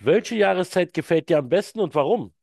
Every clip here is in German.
Welche Jahreszeit gefällt dir am besten und warum?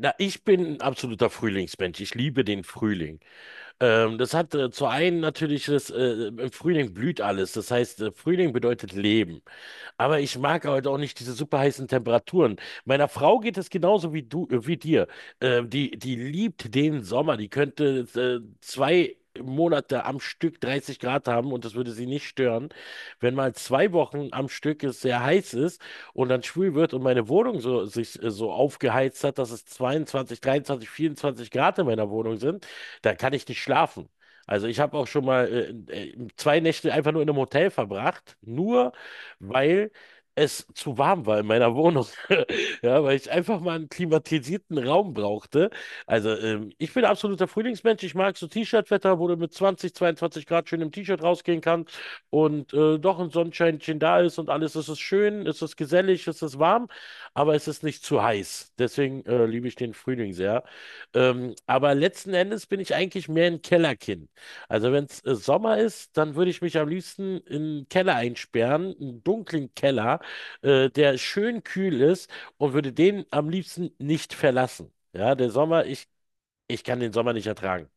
Na, ich bin ein absoluter Frühlingsmensch. Ich liebe den Frühling. Das hat zu einem natürlich, im Frühling blüht alles. Das heißt, Frühling bedeutet Leben. Aber ich mag heute auch nicht diese super heißen Temperaturen. Meiner Frau geht es genauso wie dir. Die liebt den Sommer. Die könnte 2 Monate am Stück 30 Grad haben und das würde sie nicht stören. Wenn mal 2 Wochen am Stück es sehr heiß ist und dann schwül wird und meine Wohnung so, sich so aufgeheizt hat, dass es 22, 23, 24 Grad in meiner Wohnung sind, da kann ich nicht schlafen. Also ich habe auch schon mal 2 Nächte einfach nur in einem Hotel verbracht, nur weil es zu warm war in meiner Wohnung. Ja, weil ich einfach mal einen klimatisierten Raum brauchte. Also ich bin absoluter Frühlingsmensch. Ich mag so T-Shirt-Wetter, wo du mit 20, 22 Grad schön im T-Shirt rausgehen kannst und doch ein Sonnenscheinchen da ist und alles. Es ist schön, es ist gesellig, es ist warm, aber es ist nicht zu heiß. Deswegen liebe ich den Frühling sehr. Aber letzten Endes bin ich eigentlich mehr ein Kellerkind. Also wenn es Sommer ist, dann würde ich mich am liebsten in einen Keller einsperren, einen dunklen Keller, der schön kühl ist und würde den am liebsten nicht verlassen. Ja, der Sommer, ich kann den Sommer nicht ertragen.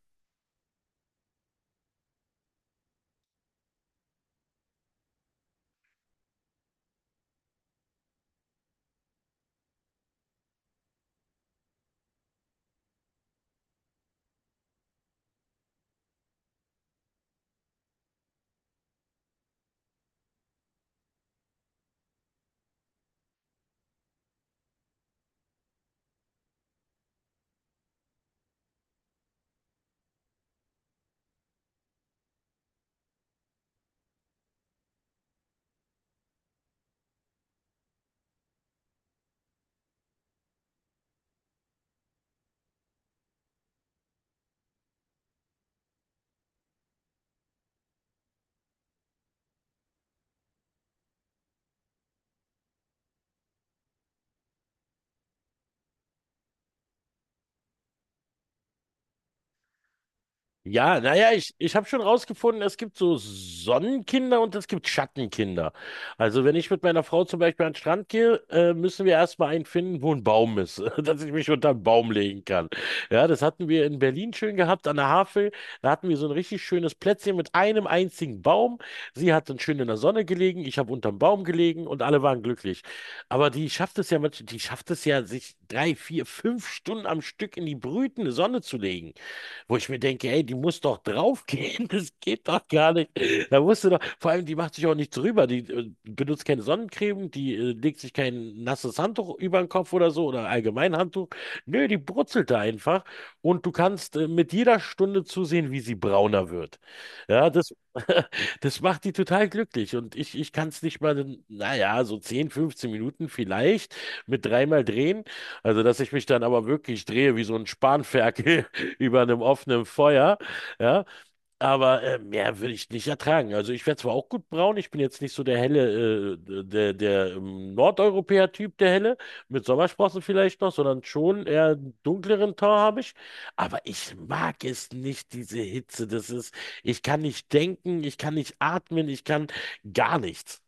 Ja, naja, ich habe schon rausgefunden, es gibt so Sonnenkinder und es gibt Schattenkinder. Also wenn ich mit meiner Frau zum Beispiel an den Strand gehe, müssen wir erstmal einen finden, wo ein Baum ist, dass ich mich unter einen Baum legen kann. Ja, das hatten wir in Berlin schön gehabt, an der Havel. Da hatten wir so ein richtig schönes Plätzchen mit einem einzigen Baum. Sie hat dann schön in der Sonne gelegen, ich habe unterm Baum gelegen und alle waren glücklich. Aber die schafft es ja, sich 3, 4, 5 Stunden am Stück in die brütende Sonne zu legen, wo ich mir denke, ey, die muss doch draufgehen, das geht doch gar nicht. Da musst du doch, vor allem, die macht sich auch nichts drüber, die benutzt keine Sonnencreme, die legt sich kein nasses Handtuch über den Kopf oder so oder allgemein Handtuch. Nö, die brutzelt da einfach und du kannst mit jeder Stunde zusehen, wie sie brauner wird. Ja, das, das macht die total glücklich und ich kann es nicht mal, naja, so 10, 15 Minuten vielleicht mit dreimal drehen. Also, dass ich mich dann aber wirklich drehe wie so ein Spanferkel über einem offenen Feuer, ja, aber mehr würde ich nicht ertragen. Also ich werde zwar auch gut braun, ich bin jetzt nicht so der helle, der, der Nordeuropäer-Typ, der helle, mit Sommersprossen vielleicht noch, sondern schon eher einen dunkleren Ton habe ich, aber ich mag es nicht, diese Hitze, das ist, ich kann nicht denken, ich kann nicht atmen, ich kann gar nichts.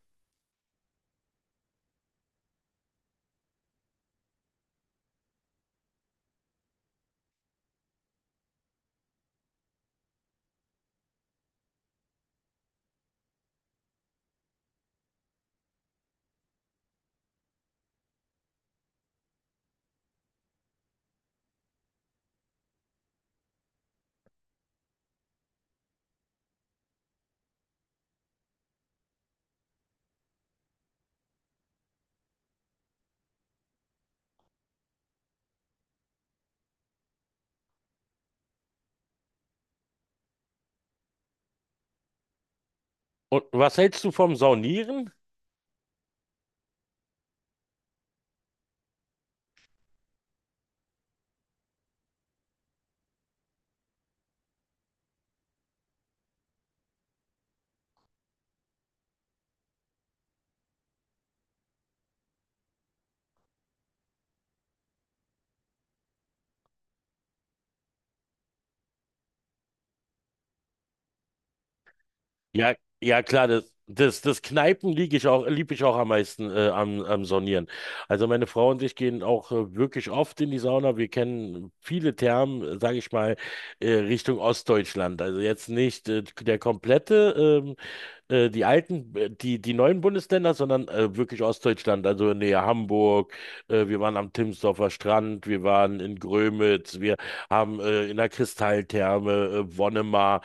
Und was hältst du vom Saunieren? Ja, ja klar, das Kneipen lieb ich auch am meisten am Saunieren. Also meine Frau und ich gehen auch wirklich oft in die Sauna. Wir kennen viele Thermen, sage ich mal, Richtung Ostdeutschland. Also jetzt nicht der komplette die alten, die neuen Bundesländer, sondern wirklich Ostdeutschland, also näher Hamburg. Wir waren am Timsdorfer Strand, wir waren in Grömitz, wir haben in der Kristalltherme, Wonnemar,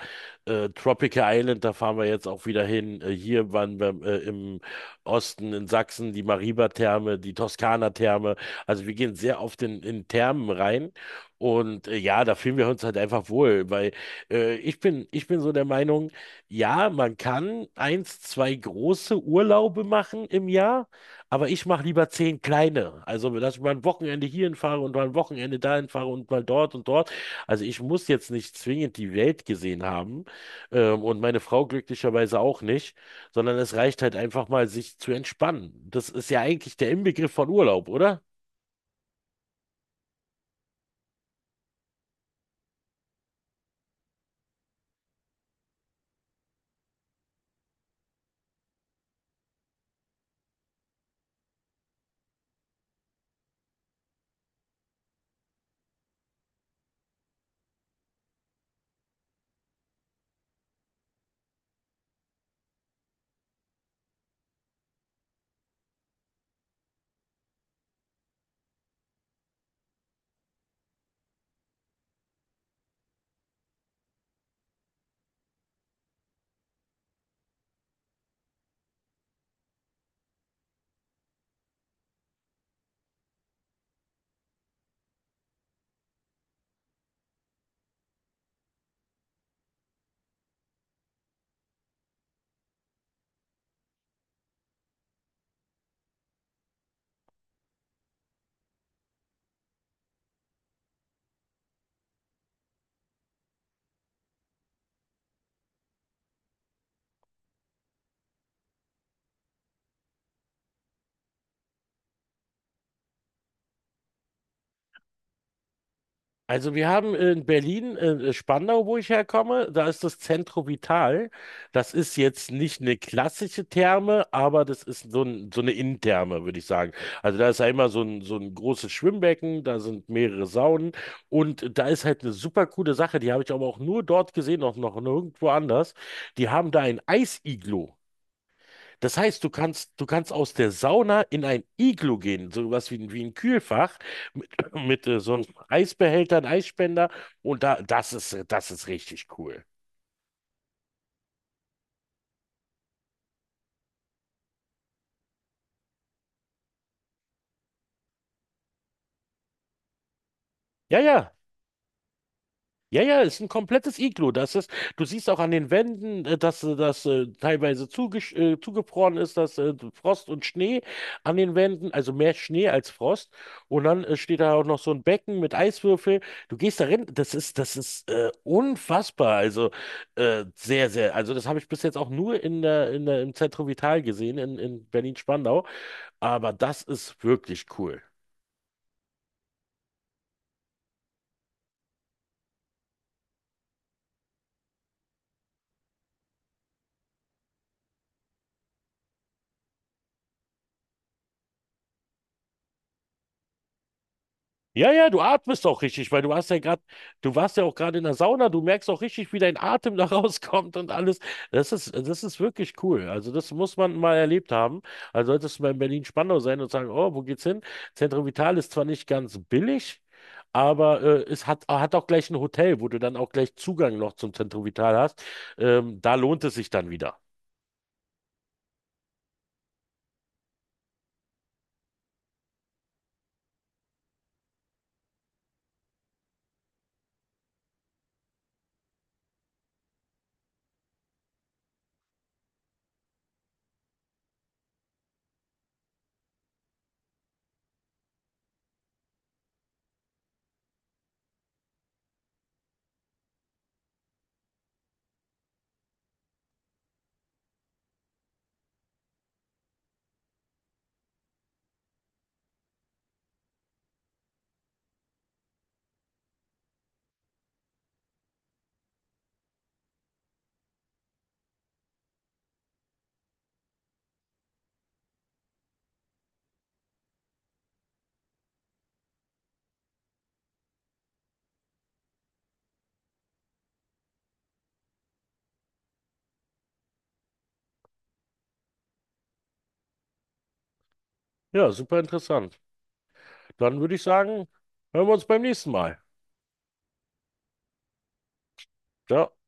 Tropical Island, da fahren wir jetzt auch wieder hin. Hier waren wir im Osten, in Sachsen, die Mariba-Therme, die Toskana-Therme. Also wir gehen sehr oft in Thermen rein. Und ja, da fühlen wir uns halt einfach wohl, weil ich bin so der Meinung, ja, man kann eins, zwei große Urlaube machen im Jahr, aber ich mache lieber 10 kleine. Also, dass ich mal ein Wochenende hierhin fahre und mal ein Wochenende dahin fahre und mal dort und dort. Also, ich muss jetzt nicht zwingend die Welt gesehen haben, und meine Frau glücklicherweise auch nicht, sondern es reicht halt einfach mal, sich zu entspannen. Das ist ja eigentlich der Inbegriff von Urlaub, oder? Also wir haben in Berlin, Spandau, wo ich herkomme, da ist das Centro Vital. Das ist jetzt nicht eine klassische Therme, aber das ist so, ein, so eine Innentherme, würde ich sagen. Also da ist ja immer so ein großes Schwimmbecken, da sind mehrere Saunen und da ist halt eine super coole Sache, die habe ich aber auch nur dort gesehen, auch noch nirgendwo anders. Die haben da ein Eisiglo. Das heißt, du kannst aus der Sauna in ein Iglu gehen, sowas wie, wie ein Kühlfach mit, mit so einem Eisbehälter, einem Eisspender und da, das ist richtig cool. Ja, ja. Ja, ja, ist ein komplettes Iglu. Das ist, du siehst auch an den Wänden, dass das teilweise zugefroren ist, dass Frost und Schnee an den Wänden, also mehr Schnee als Frost. Und dann steht da auch noch so ein Becken mit Eiswürfel. Du gehst da rein, das ist unfassbar. Also sehr, sehr. Also das habe ich bis jetzt auch nur im Zentrum Vital gesehen, in Berlin-Spandau. Aber das ist wirklich cool. Ja, ja, du atmest auch richtig, weil du warst ja auch gerade in der Sauna, du merkst auch richtig, wie dein Atem da rauskommt und alles. Das ist wirklich cool. Also das muss man mal erlebt haben. Also solltest du mal in Berlin-Spandau sein und sagen, oh, wo geht's hin? Centro Vital ist zwar nicht ganz billig, aber es hat auch gleich ein Hotel, wo du dann auch gleich Zugang noch zum Centro Vital hast. Da lohnt es sich dann wieder. Ja, super interessant. Dann würde ich sagen, hören wir uns beim nächsten Mal. Ciao.